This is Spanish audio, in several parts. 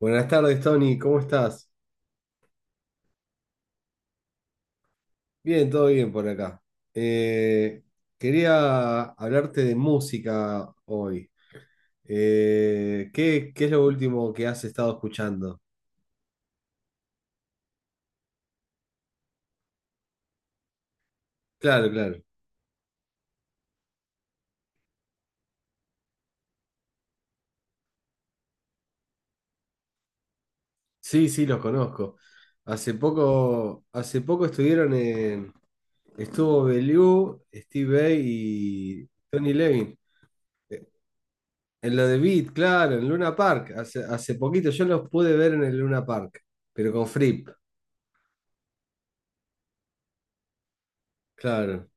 Buenas tardes, Tony, ¿cómo estás? Bien, todo bien por acá. Eh, Quería hablarte de música hoy. ¿Qué es lo último que has estado escuchando? Claro, claro. Sí, sí, los conozco. Hace poco estuvieron en... Estuvo Belew, Steve Vai y Tony Levin. Eh, En lo de Beat, claro, en Luna Park. Hace poquito yo los pude ver en el Luna Park, pero con Fripp, claro.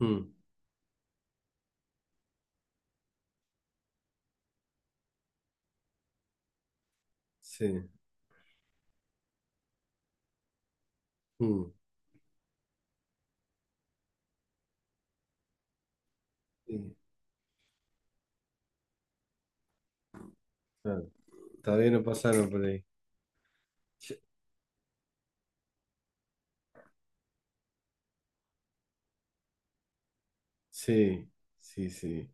Mm, sí, mm, sí, claro. Todavía no pasaron por ahí. Sí, sí, sí.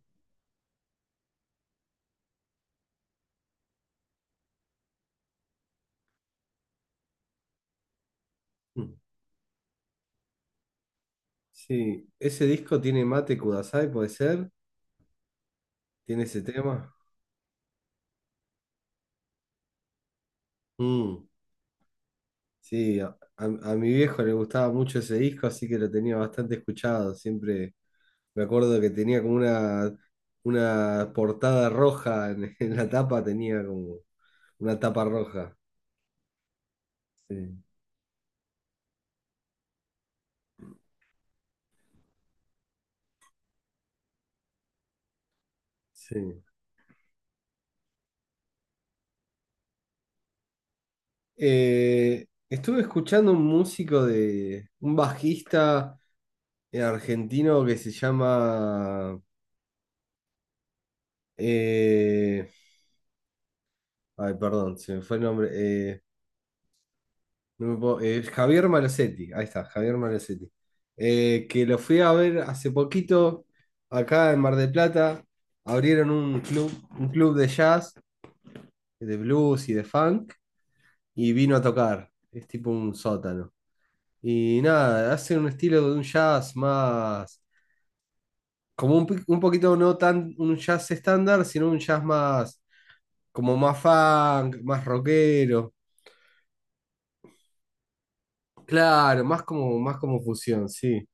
Mm, Sí, ese disco tiene Mate Kudasai, puede ser. Tiene ese tema. Mm, sí, a mi viejo le gustaba mucho ese disco, así que lo tenía bastante escuchado. Siempre me acuerdo que tenía como una portada roja en, en la tapa, tenía como una tapa roja. Sí, sí. Estuve escuchando un músico de un bajista argentino que se llama. eh, Ay, perdón, se me fue el nombre. No me puedo- Javier Malosetti. Ahí está, Javier Malosetti. Que lo fui a ver hace poquito acá en Mar del Plata. Abrieron un club de jazz, de blues y de funk, y vino a tocar. Es tipo un sótano. Y nada, hace un estilo de un jazz más. Como un, un poquito no tan un jazz estándar, sino un jazz más, como más funk, más rockero. Claro, más como fusión, sí.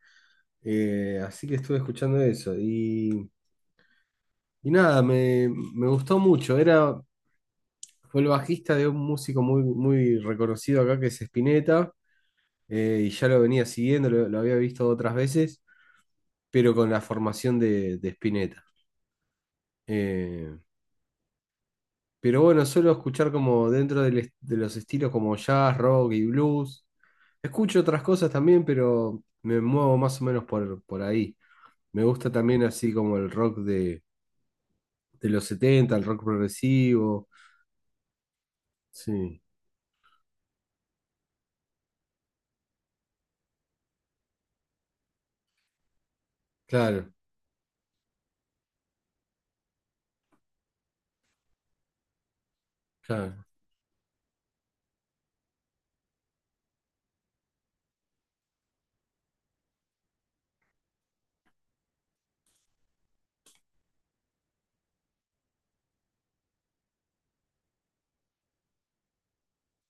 Así que estuve escuchando eso. Y nada, me gustó mucho. Era, fue el bajista de un músico muy, muy reconocido acá que es Spinetta. Y ya lo venía siguiendo, lo había visto otras veces, pero con la formación de Spinetta. Eh, Pero bueno, suelo escuchar como dentro de los estilos como jazz, rock y blues. Escucho otras cosas también, pero me muevo más o menos por ahí. Me gusta también así como el rock de los setenta, el rock progresivo. Sí, claro, claro.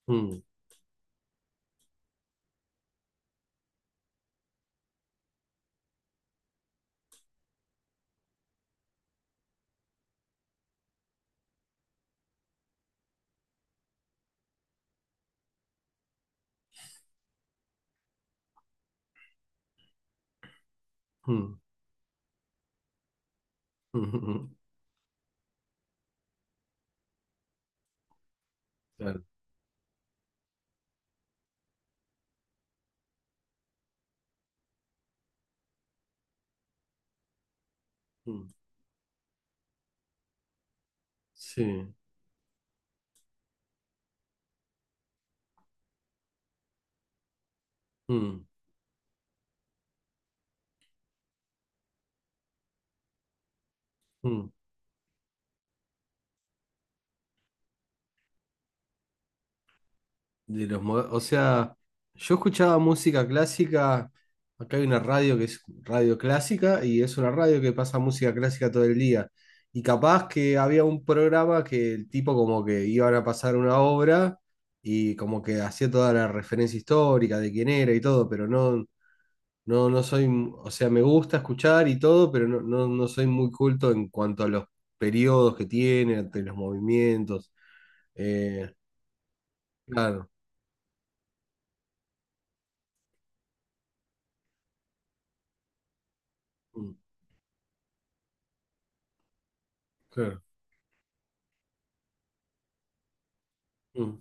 Mm, mm, mm, Claro. mm, sí. mm, mm. De los, o sea, yo escuchaba música clásica. Acá hay una radio que es radio clásica y es una radio que pasa música clásica todo el día. Y capaz que había un programa que el tipo como que iban a pasar una obra y como que hacía toda la referencia histórica de quién era y todo, pero no, no, no soy, o sea, me gusta escuchar y todo, pero no, no, no soy muy culto en cuanto a los periodos que tiene, ante los movimientos. Eh, claro, mm, claro. Mm,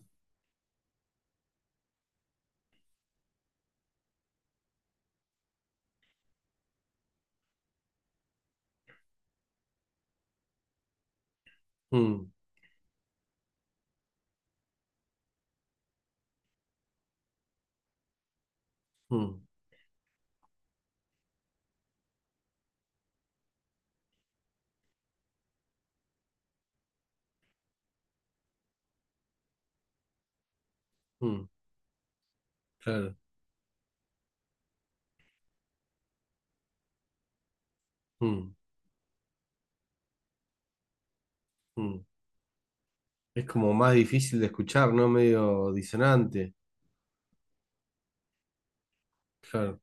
mm, mm, mm, claro. mm, mm. Es como más difícil de escuchar, ¿no? Medio disonante. Claro.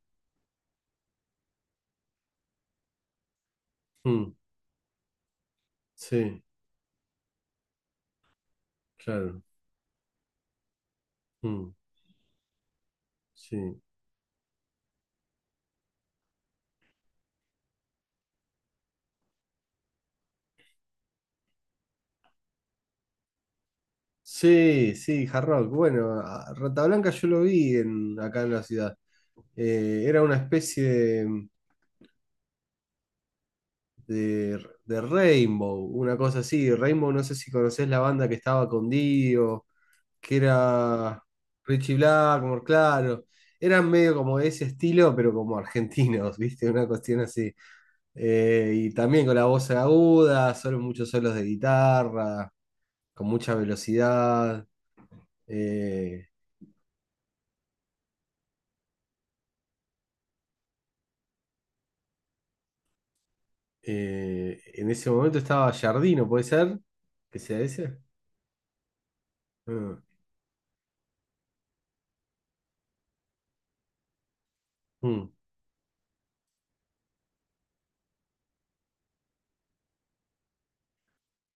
mm, sí, claro. mm, sí. Sí, sí, hard rock. Bueno, Rata Blanca yo lo vi en, acá en la ciudad. Era una especie de, de Rainbow, una cosa así. Rainbow, no sé si conocés la banda que estaba con Dio. Que era Richie Blackmore, claro. Eran medio como de ese estilo, pero como argentinos, ¿viste? Una cuestión así. Y también con la voz aguda, solo muchos solos de guitarra, con mucha velocidad. Eh, en ese momento estaba Jardino, ¿puede ser? ¿Que sea ese? Ah, mm,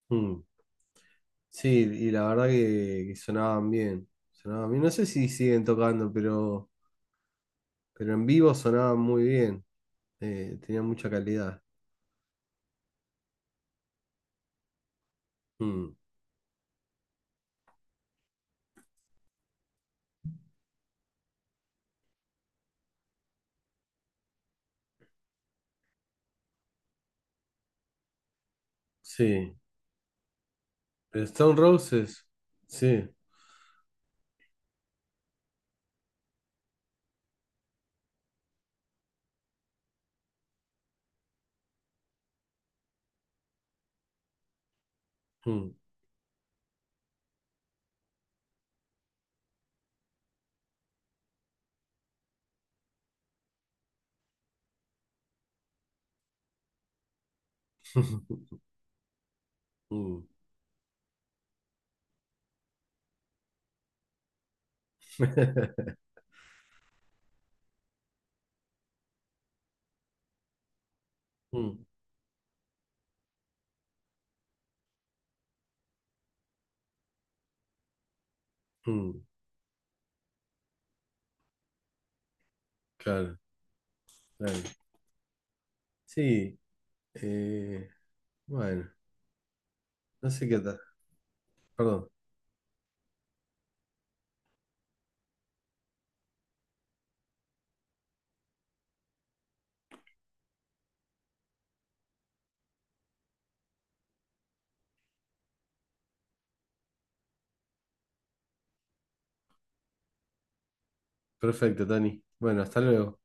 mm. Sí, y la verdad que sonaban bien. Sonaban bien. No sé si siguen tocando, pero en vivo sonaban muy bien. Tenía mucha calidad. Mm, sí. Stone Roses, sí. Mm, mm, mm, mm, claro, claro. Sí, eh, bueno, no sé qué tal. Perdón. Perfecto, Tani. Bueno, hasta luego.